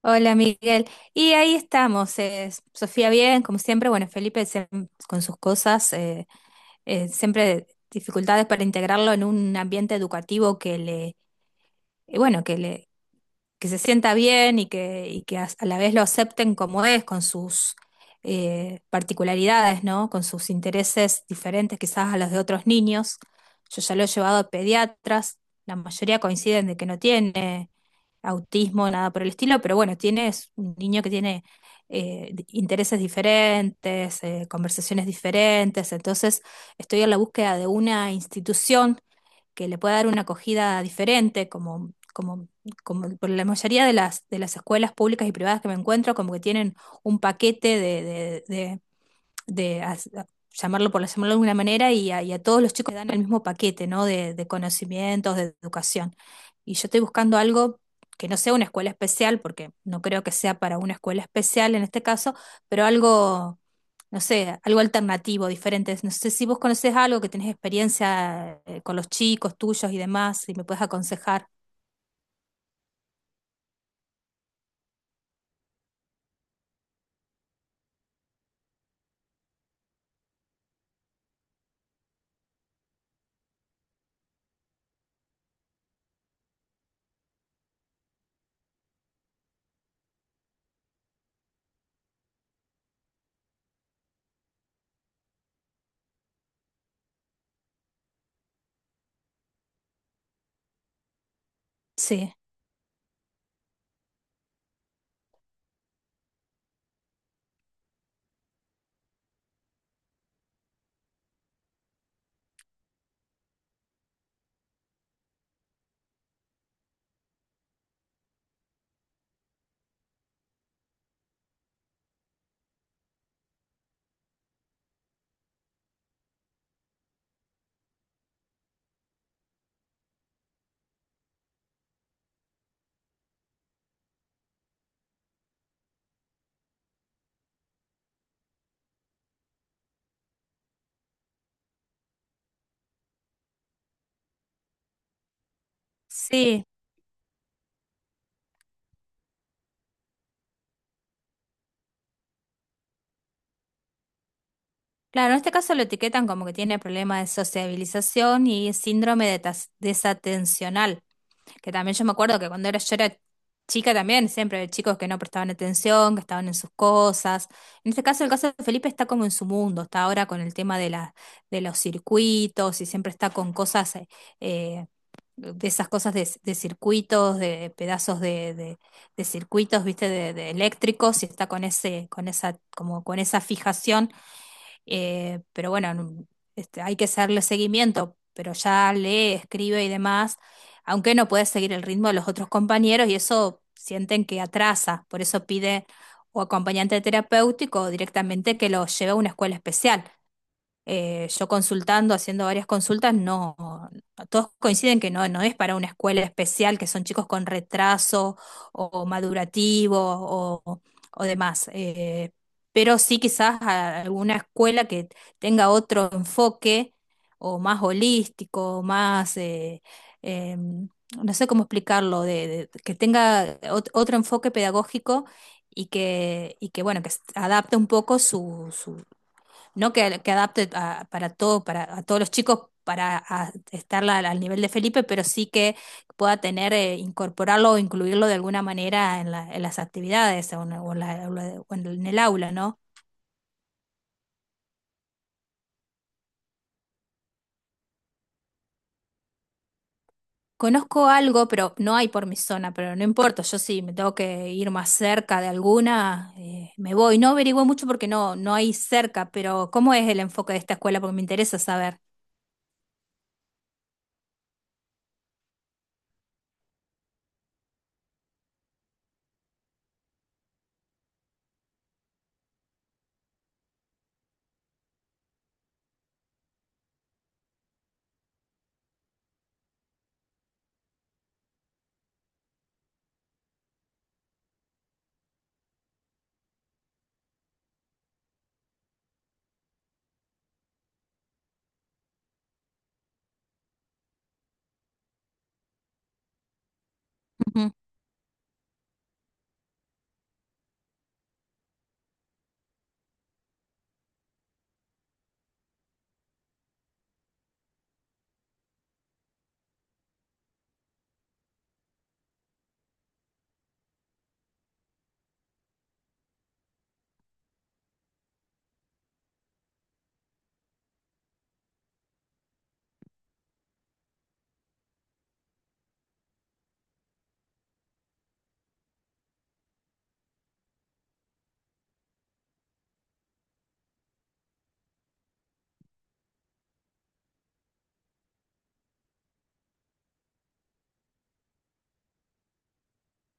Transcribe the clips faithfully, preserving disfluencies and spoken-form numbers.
Hola Miguel, y ahí estamos, eh, Sofía bien, como siempre. Bueno, Felipe se- con sus cosas. Eh, eh, siempre dificultades para integrarlo en un ambiente educativo que le, eh, bueno, que le, que se sienta bien, y que, y que a a la vez lo acepten como es, con sus eh, particularidades, ¿no? Con sus intereses diferentes quizás a los de otros niños. Yo ya lo he llevado a pediatras, la mayoría coinciden de que no tiene autismo, nada por el estilo. Pero bueno, tiene es un niño que tiene eh, di- intereses diferentes, eh, conversaciones diferentes. Entonces estoy en la búsqueda de una institución que le pueda dar una acogida diferente, como, como, como por la mayoría de las, de las escuelas públicas y privadas que me encuentro, como que tienen un paquete de, de, de, de as- a- llamarlo por llamarlo de alguna manera, y a, y a todos los chicos le dan el mismo paquete, ¿no? De, de conocimientos, de educación. Y yo estoy buscando algo que no sea una escuela especial, porque no creo que sea para una escuela especial en este caso, pero algo, no sé, algo alternativo, diferente. No sé si vos conocés algo, que tenés experiencia eh, con los chicos tuyos y demás, y me puedes aconsejar. Sí, sí. Claro, en este caso lo etiquetan como que tiene problemas de sociabilización y síndrome de tas- desatencional, que también yo me acuerdo que cuando era, yo era chica también. Siempre había chicos que no prestaban atención, que estaban en sus cosas. En este caso, el caso de Felipe está como en su mundo. Está ahora con el tema de la, de los circuitos, y siempre está con cosas, eh, eh, de esas cosas de, de circuitos, de pedazos de, de- de circuitos, viste, de, de eléctricos. Y está con ese, con esa, como con esa fijación. Eh, pero bueno, este, hay que hacerle seguimiento. Pero ya lee, escribe y demás, aunque no puede seguir el ritmo de los otros compañeros, y eso sienten que atrasa. Por eso pide o acompañante terapéutico, o directamente que lo lleve a una escuela especial. Eh, yo consultando, haciendo varias consultas, no, todos coinciden que no, no es para una escuela especial, que son chicos con retraso o madurativo, o, o demás. Eh, pero sí, quizás a- alguna escuela que tenga otro enfoque, o más holístico, o más, eh, eh, no sé cómo explicarlo, de, de- que tenga ot- otro enfoque pedagógico. Y que, y que bueno, que s- adapte un poco, no que, que adapte a, para todo, para a todos los chicos, para a- estar al, al nivel de Felipe, pero sí que pueda tener, eh, incorporarlo o incluirlo de alguna manera en, la- en las actividades, o en, o en la- o la- o en el aula, ¿no? Conozco algo, pero no hay por mi zona. Pero no importa, yo sí me tengo que ir más cerca de alguna, eh, me voy. No averigüé mucho porque no, no hay cerca. Pero ¿cómo es el enfoque de esta escuela? Porque me interesa saber. Ujú.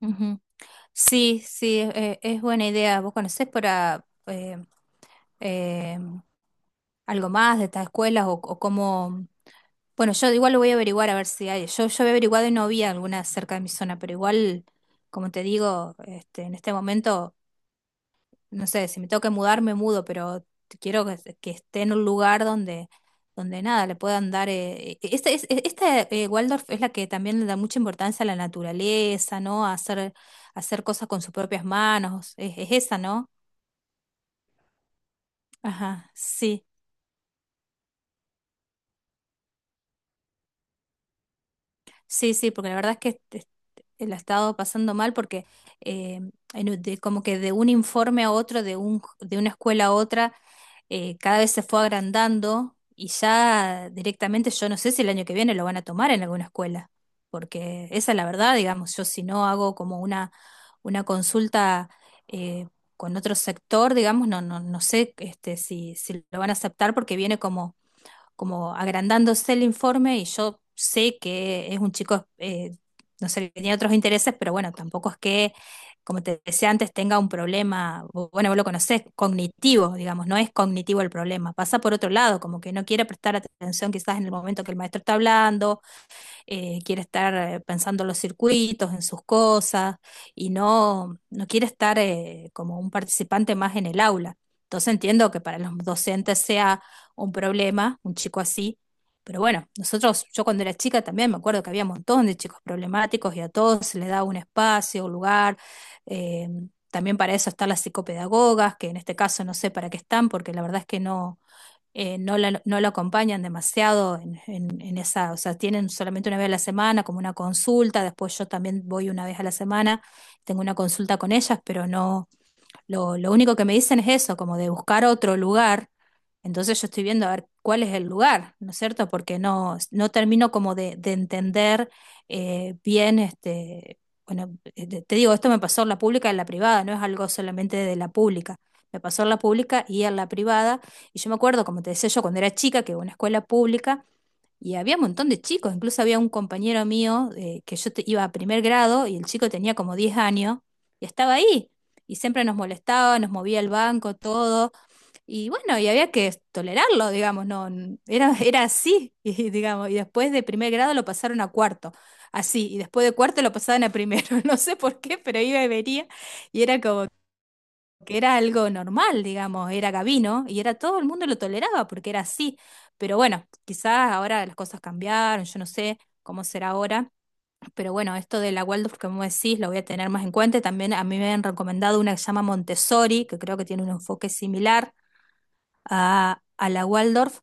Ujú. Sí, sí, e- e- es buena idea. ¿Vos conocés por a- eh, eh, algo más de estas escuelas, o, o cómo? Bueno, yo igual lo voy a averiguar, a ver si hay. Yo, yo había averiguado y no había alguna cerca de mi zona, pero igual, como te digo, este, en este momento, no sé, si me tengo que mudar, me mudo. Pero quiero que, que esté en un lugar donde, donde nada, le puedan dar... eh, esta es- e, esta, eh, Waldorf, es la que también le da mucha importancia a la naturaleza, ¿no? A hacer, a hacer cosas con sus propias manos, es, es esa, ¿no? Ajá, sí. Sí, sí, porque la verdad es que este- este, la he estado pasando mal porque eh, en- de- como que de un informe a otro, de un, de una escuela a otra, eh, cada vez se fue agrandando, y ya directamente yo no sé si el año que viene lo van a tomar en alguna escuela, porque esa es la verdad, digamos. Yo, si no hago como una, una consulta eh, con otro sector, digamos, no, no, no sé este, si, si lo van a aceptar, porque viene como como agrandándose el informe. Y yo sé que es un chico, eh, no sé, que tiene otros intereses, pero bueno, tampoco es que, como te decía antes, tenga un problema. O bueno, vos lo conocés, cognitivo, digamos. No es cognitivo el problema, pasa por otro lado, como que no quiere prestar atención quizás en el momento que el maestro está hablando. Eh, quiere estar eh, pensando los circuitos, en sus cosas, y no, no quiere estar eh, como un participante más en el aula. Entonces entiendo que para los docentes sea un problema un chico así. Pero bueno, nosotros, yo cuando era chica también me acuerdo que había un montón de chicos problemáticos y a todos se les daba un espacio, un lugar. eh, También para eso están las psicopedagogas, que en este caso no sé para qué están, porque la verdad es que no. Eh, no, la- no lo acompañan demasiado en, en- en esa, o sea, tienen solamente una vez a la semana como una consulta. Después yo también voy una vez a la semana, tengo una consulta con ellas, pero no, lo lo único que me dicen es eso, como de buscar otro lugar. Entonces yo estoy viendo a ver cuál es el lugar, ¿no es cierto? Porque no, no termino como de, de entender eh, bien, este, bueno, eh, te te digo, esto me pasó en la pública y en la privada, no es algo solamente de la pública. Me pasó en la pública y en la privada. Y yo me acuerdo, como te decía yo, cuando era chica, que iba a una escuela pública y había un montón de chicos. Incluso había un compañero mío, eh, que yo te- iba a primer grado y el chico tenía como diez años y estaba ahí. Y siempre nos molestaba, nos movía el banco, todo. Y bueno, y había que tolerarlo, digamos. No, n- era, era así, y, digamos. Y después de primer grado lo pasaron a cuarto, así. Y después de cuarto lo pasaban a primero. No sé por qué, pero iba y venía. Y era como que era algo normal, digamos, era Gabino y era todo el mundo lo toleraba porque era así. Pero bueno, quizás ahora las cosas cambiaron, yo no sé cómo será ahora. Pero bueno, esto de la Waldorf, como decís, lo voy a tener más en cuenta. Y también a mí me han recomendado una que se llama Montessori, que creo que tiene un enfoque similar a, a la Waldorf.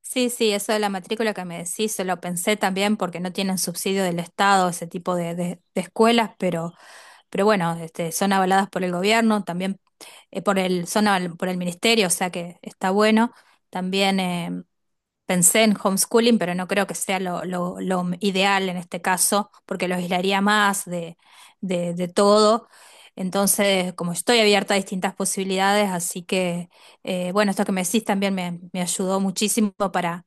Sí, sí, eso de la matrícula que me decís, se lo pensé también porque no tienen subsidio del Estado ese tipo de, de- de escuelas. pero, pero bueno, este, son avaladas por el gobierno también, eh, por el, son aval- por el ministerio, o sea que está bueno. También eh, pensé en homeschooling, pero no creo que sea lo, lo- lo ideal en este caso, porque lo aislaría más de, de, de todo. Entonces, como estoy abierta a distintas posibilidades, así que... Eh, bueno, esto que me decís también me, me ayudó muchísimo para,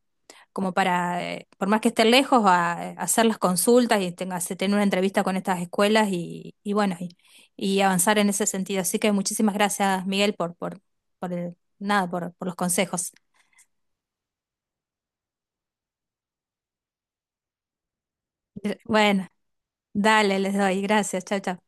como para, eh, por más que esté lejos, a, a hacer las consultas, y tenga, hacer- tener una entrevista con estas escuelas. Y, y bueno, y, y avanzar en ese sentido. Así que muchísimas gracias, Miguel, por, por, por el- nada, por, por los consejos. Eh, Bueno, dale, les doy. Gracias. Chao, chao.